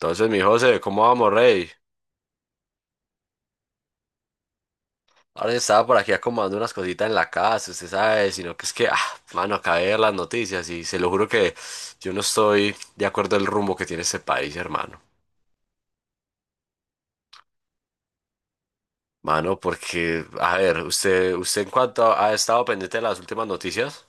Entonces, mi José, ¿cómo vamos, rey? Ahora estaba por aquí acomodando unas cositas en la casa, usted sabe, sino que es que, mano, acabé de ver las noticias y se lo juro que yo no estoy de acuerdo el rumbo que tiene este país, hermano. Mano, porque, a ver, usted en cuanto ha estado pendiente de las últimas noticias.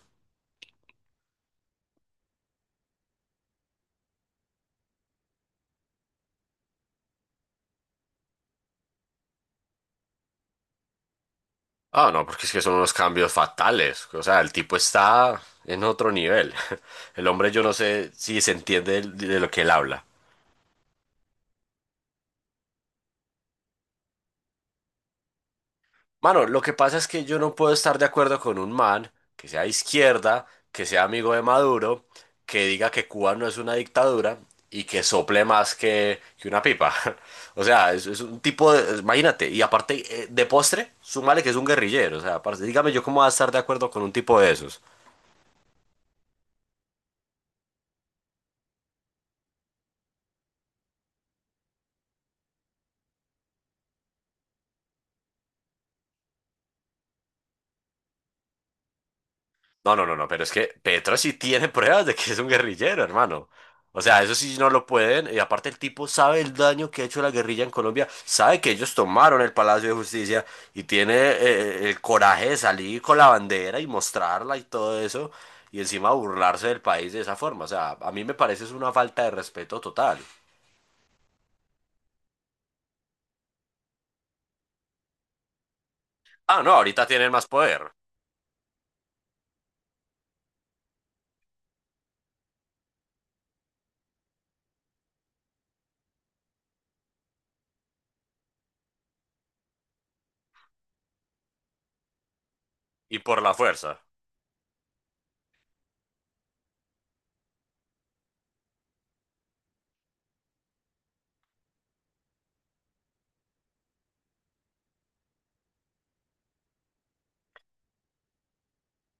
Ah, no, porque es que son unos cambios fatales. O sea, el tipo está en otro nivel. El hombre, yo no sé si se entiende de lo que él habla. Mano, lo que pasa es que yo no puedo estar de acuerdo con un man que sea de izquierda, que sea amigo de Maduro, que diga que Cuba no es una dictadura y que sople más que una pipa. O sea, es un tipo de... Imagínate, y aparte de postre, súmale que es un guerrillero. O sea, parce, dígame yo cómo voy a estar de acuerdo con un tipo de esos. No, no, no, no, pero es que Petro sí tiene pruebas de que es un guerrillero, hermano. O sea, eso sí no lo pueden. Y aparte el tipo sabe el daño que ha hecho la guerrilla en Colombia, sabe que ellos tomaron el Palacio de Justicia y tiene el coraje de salir con la bandera y mostrarla y todo eso, y encima burlarse del país de esa forma. O sea, a mí me parece es una falta de respeto total. Ah, no, ahorita tienen más poder y por la fuerza.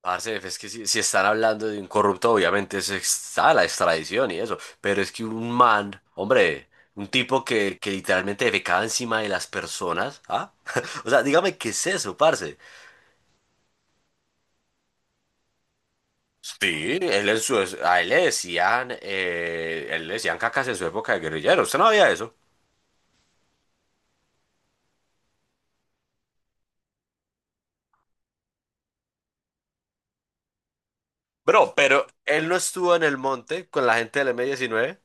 Parce, es que si, si están hablando de un corrupto, obviamente se está la extradición y eso, pero es que un man, hombre, un tipo que literalmente defecaba encima de las personas, ¿ah? O sea, dígame qué es eso, parce. Sí, él a él le decían cacas en su época de guerrillero, usted no había eso. Bro, pero él no estuvo en el monte con la gente del M-19.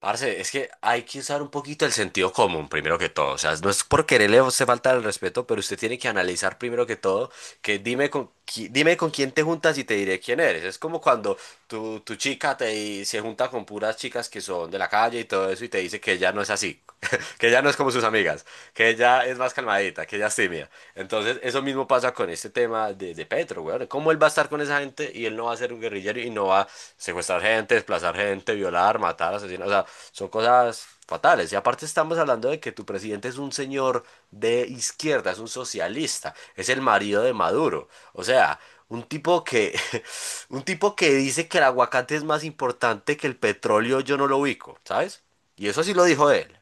Parce, es que hay que usar un poquito el sentido común, primero que todo. O sea, no es por quererle a usted falta el respeto, pero usted tiene que analizar primero que todo que dime con, dime con quién te juntas y te diré quién eres. Es como cuando tu chica te, se junta con puras chicas que son de la calle y todo eso y te dice que ella no es así. Que ya no es como sus amigas, que ella es más calmadita, que ella es tímida. Entonces, eso mismo pasa con este tema de Petro, weón. ¿Cómo él va a estar con esa gente y él no va a ser un guerrillero y no va a secuestrar gente, desplazar gente, violar, matar, asesinar? O sea, son cosas fatales. Y aparte estamos hablando de que tu presidente es un señor de izquierda, es un socialista, es el marido de Maduro. O sea, un tipo que, un tipo que dice que el aguacate es más importante que el petróleo, yo no lo ubico, ¿sabes? Y eso sí lo dijo él.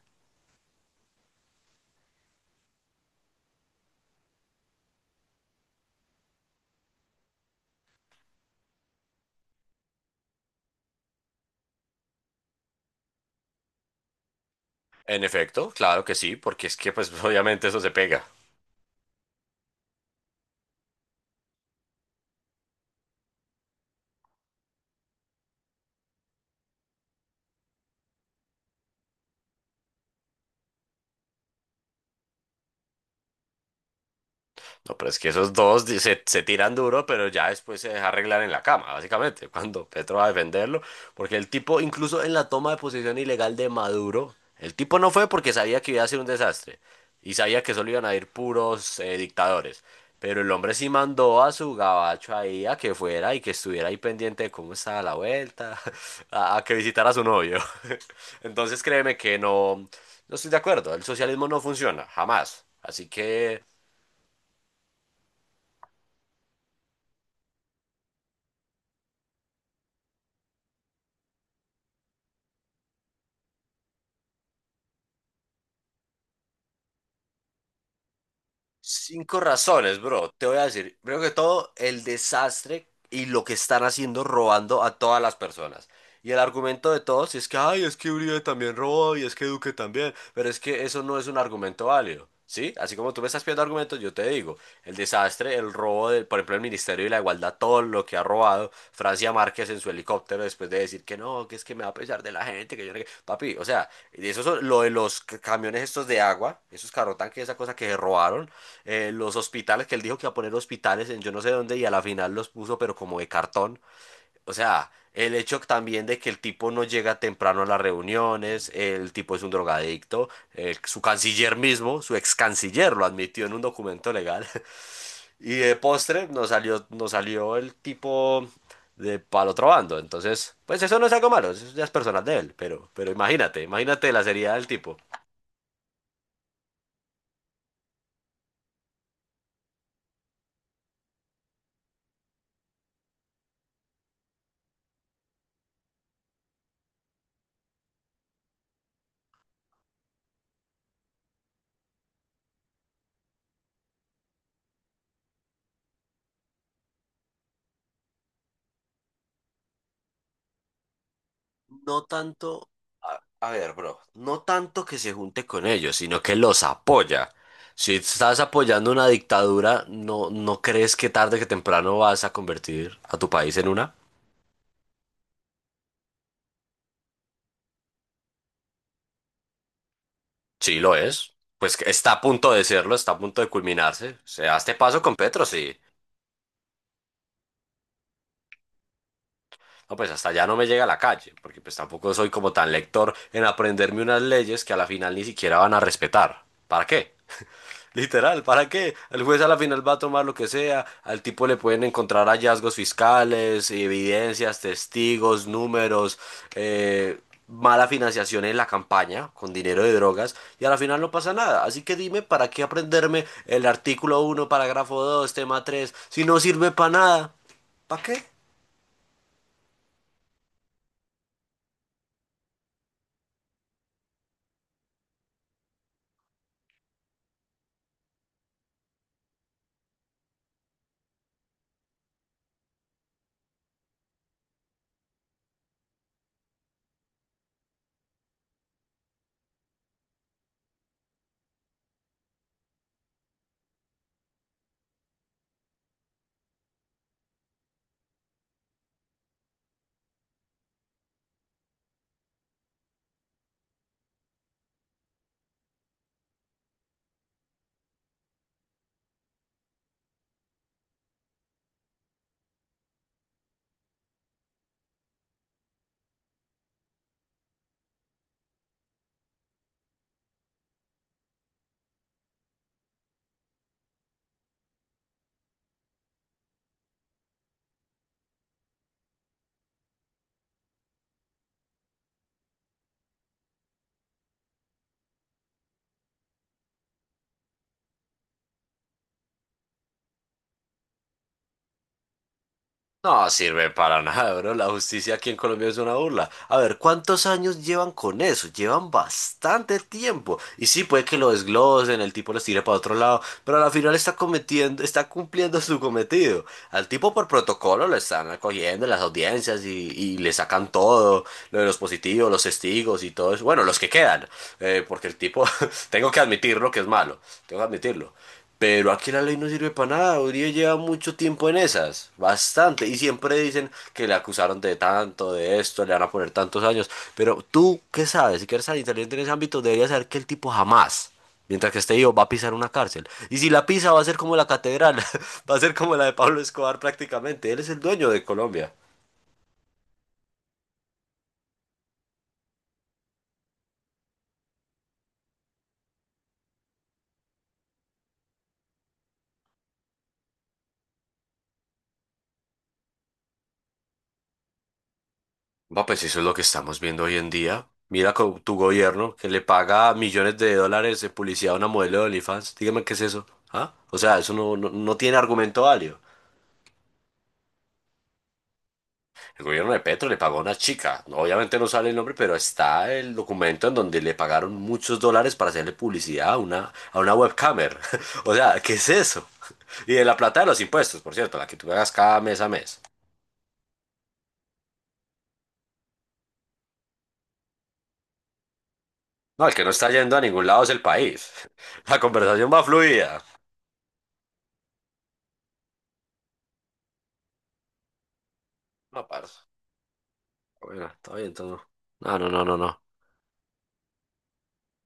En efecto, claro que sí, porque es que pues obviamente eso se pega. No, pero es que esos dos se, se tiran duro, pero ya después se deja arreglar en la cama, básicamente, cuando Petro va a defenderlo, porque el tipo, incluso en la toma de posesión ilegal de Maduro, el tipo no fue porque sabía que iba a ser un desastre y sabía que solo iban a ir puros dictadores, pero el hombre sí mandó a su gabacho ahí a que fuera y que estuviera ahí pendiente de cómo estaba la vuelta, a que visitara a su novio. Entonces créeme que no, no estoy de acuerdo, el socialismo no funciona, jamás. Así que... Cinco razones, bro. Te voy a decir, primero que todo, el desastre y lo que están haciendo robando a todas las personas. Y el argumento de todos es que, ay, es que Uribe también robó y es que Duque también, pero es que eso no es un argumento válido, ¿sí? Así como tú me estás pidiendo argumentos, yo te digo, el desastre, el robo, del, por ejemplo, el Ministerio de la Igualdad, todo lo que ha robado Francia Márquez en su helicóptero después de decir que no, que es que me va a pesar de la gente, que yo no... sé qué. Papi, o sea, eso es lo de los camiones estos de agua, esos carro tanques, esa cosa que se robaron los hospitales, que él dijo que iba a poner hospitales en yo no sé dónde y a la final los puso, pero como de cartón. O sea, el hecho también de que el tipo no llega temprano a las reuniones, el tipo es un drogadicto, su canciller mismo, su ex canciller lo admitió en un documento legal. Y de postre nos salió el tipo de para el otro bando. Entonces, pues eso no es algo malo, eso ya es personal de él, pero imagínate, imagínate la seriedad del tipo. No tanto, a ver, bro, no tanto que se junte con ellos, sino que los apoya. Si estás apoyando una dictadura, ¿no, no crees que tarde que temprano vas a convertir a tu país en una? Sí, lo es. Pues que está a punto de serlo, está a punto de culminarse. O sea, este paso con Petro, sí. No, pues hasta allá no me llega a la calle, porque pues tampoco soy como tan lector en aprenderme unas leyes que a la final ni siquiera van a respetar. ¿Para qué? Literal, ¿para qué? El juez a la final va a tomar lo que sea, al tipo le pueden encontrar hallazgos fiscales, evidencias, testigos, números, eh, mala financiación en la campaña con dinero de drogas y a la final no pasa nada. Así que dime, ¿para qué aprenderme el artículo uno parágrafo 2 tema 3 si no sirve para nada? ¿Para qué? No sirve para nada, bro. La justicia aquí en Colombia es una burla. A ver, ¿cuántos años llevan con eso? Llevan bastante tiempo. Y sí, puede que lo desglosen, el tipo los tire para otro lado, pero al final está cometiendo, está cumpliendo su cometido. Al tipo por protocolo lo están acogiendo en las audiencias y le sacan todo, lo de los positivos, los testigos y todo eso. Bueno, los que quedan, porque el tipo, tengo que admitirlo que es malo, tengo que admitirlo. Pero aquí la ley no sirve para nada. Uribe lleva mucho tiempo en esas, bastante. Y siempre dicen que le acusaron de tanto, de esto, le van a poner tantos años. Pero tú, ¿qué sabes? Si quieres ser inteligente en ese ámbito, deberías saber que el tipo jamás, mientras que esté vivo, va a pisar una cárcel. Y si la pisa, va a ser como la catedral, va a ser como la de Pablo Escobar prácticamente. Él es el dueño de Colombia. Va, pues eso es lo que estamos viendo hoy en día. Mira con tu gobierno que le paga millones de dólares de publicidad a una modelo de OnlyFans. Dígame qué es eso. ¿Ah? O sea, eso no, no, no tiene argumento válido. El gobierno de Petro le pagó a una chica. Obviamente no sale el nombre, pero está el documento en donde le pagaron muchos dólares para hacerle publicidad a una webcamer. O sea, ¿qué es eso? Y de la plata de los impuestos, por cierto, la que tú pagas cada mes a mes. No, el que no está yendo a ningún lado es el país. La conversación va fluida. No, parce. Bueno, está bien todo. No, ah, no, no, no, no.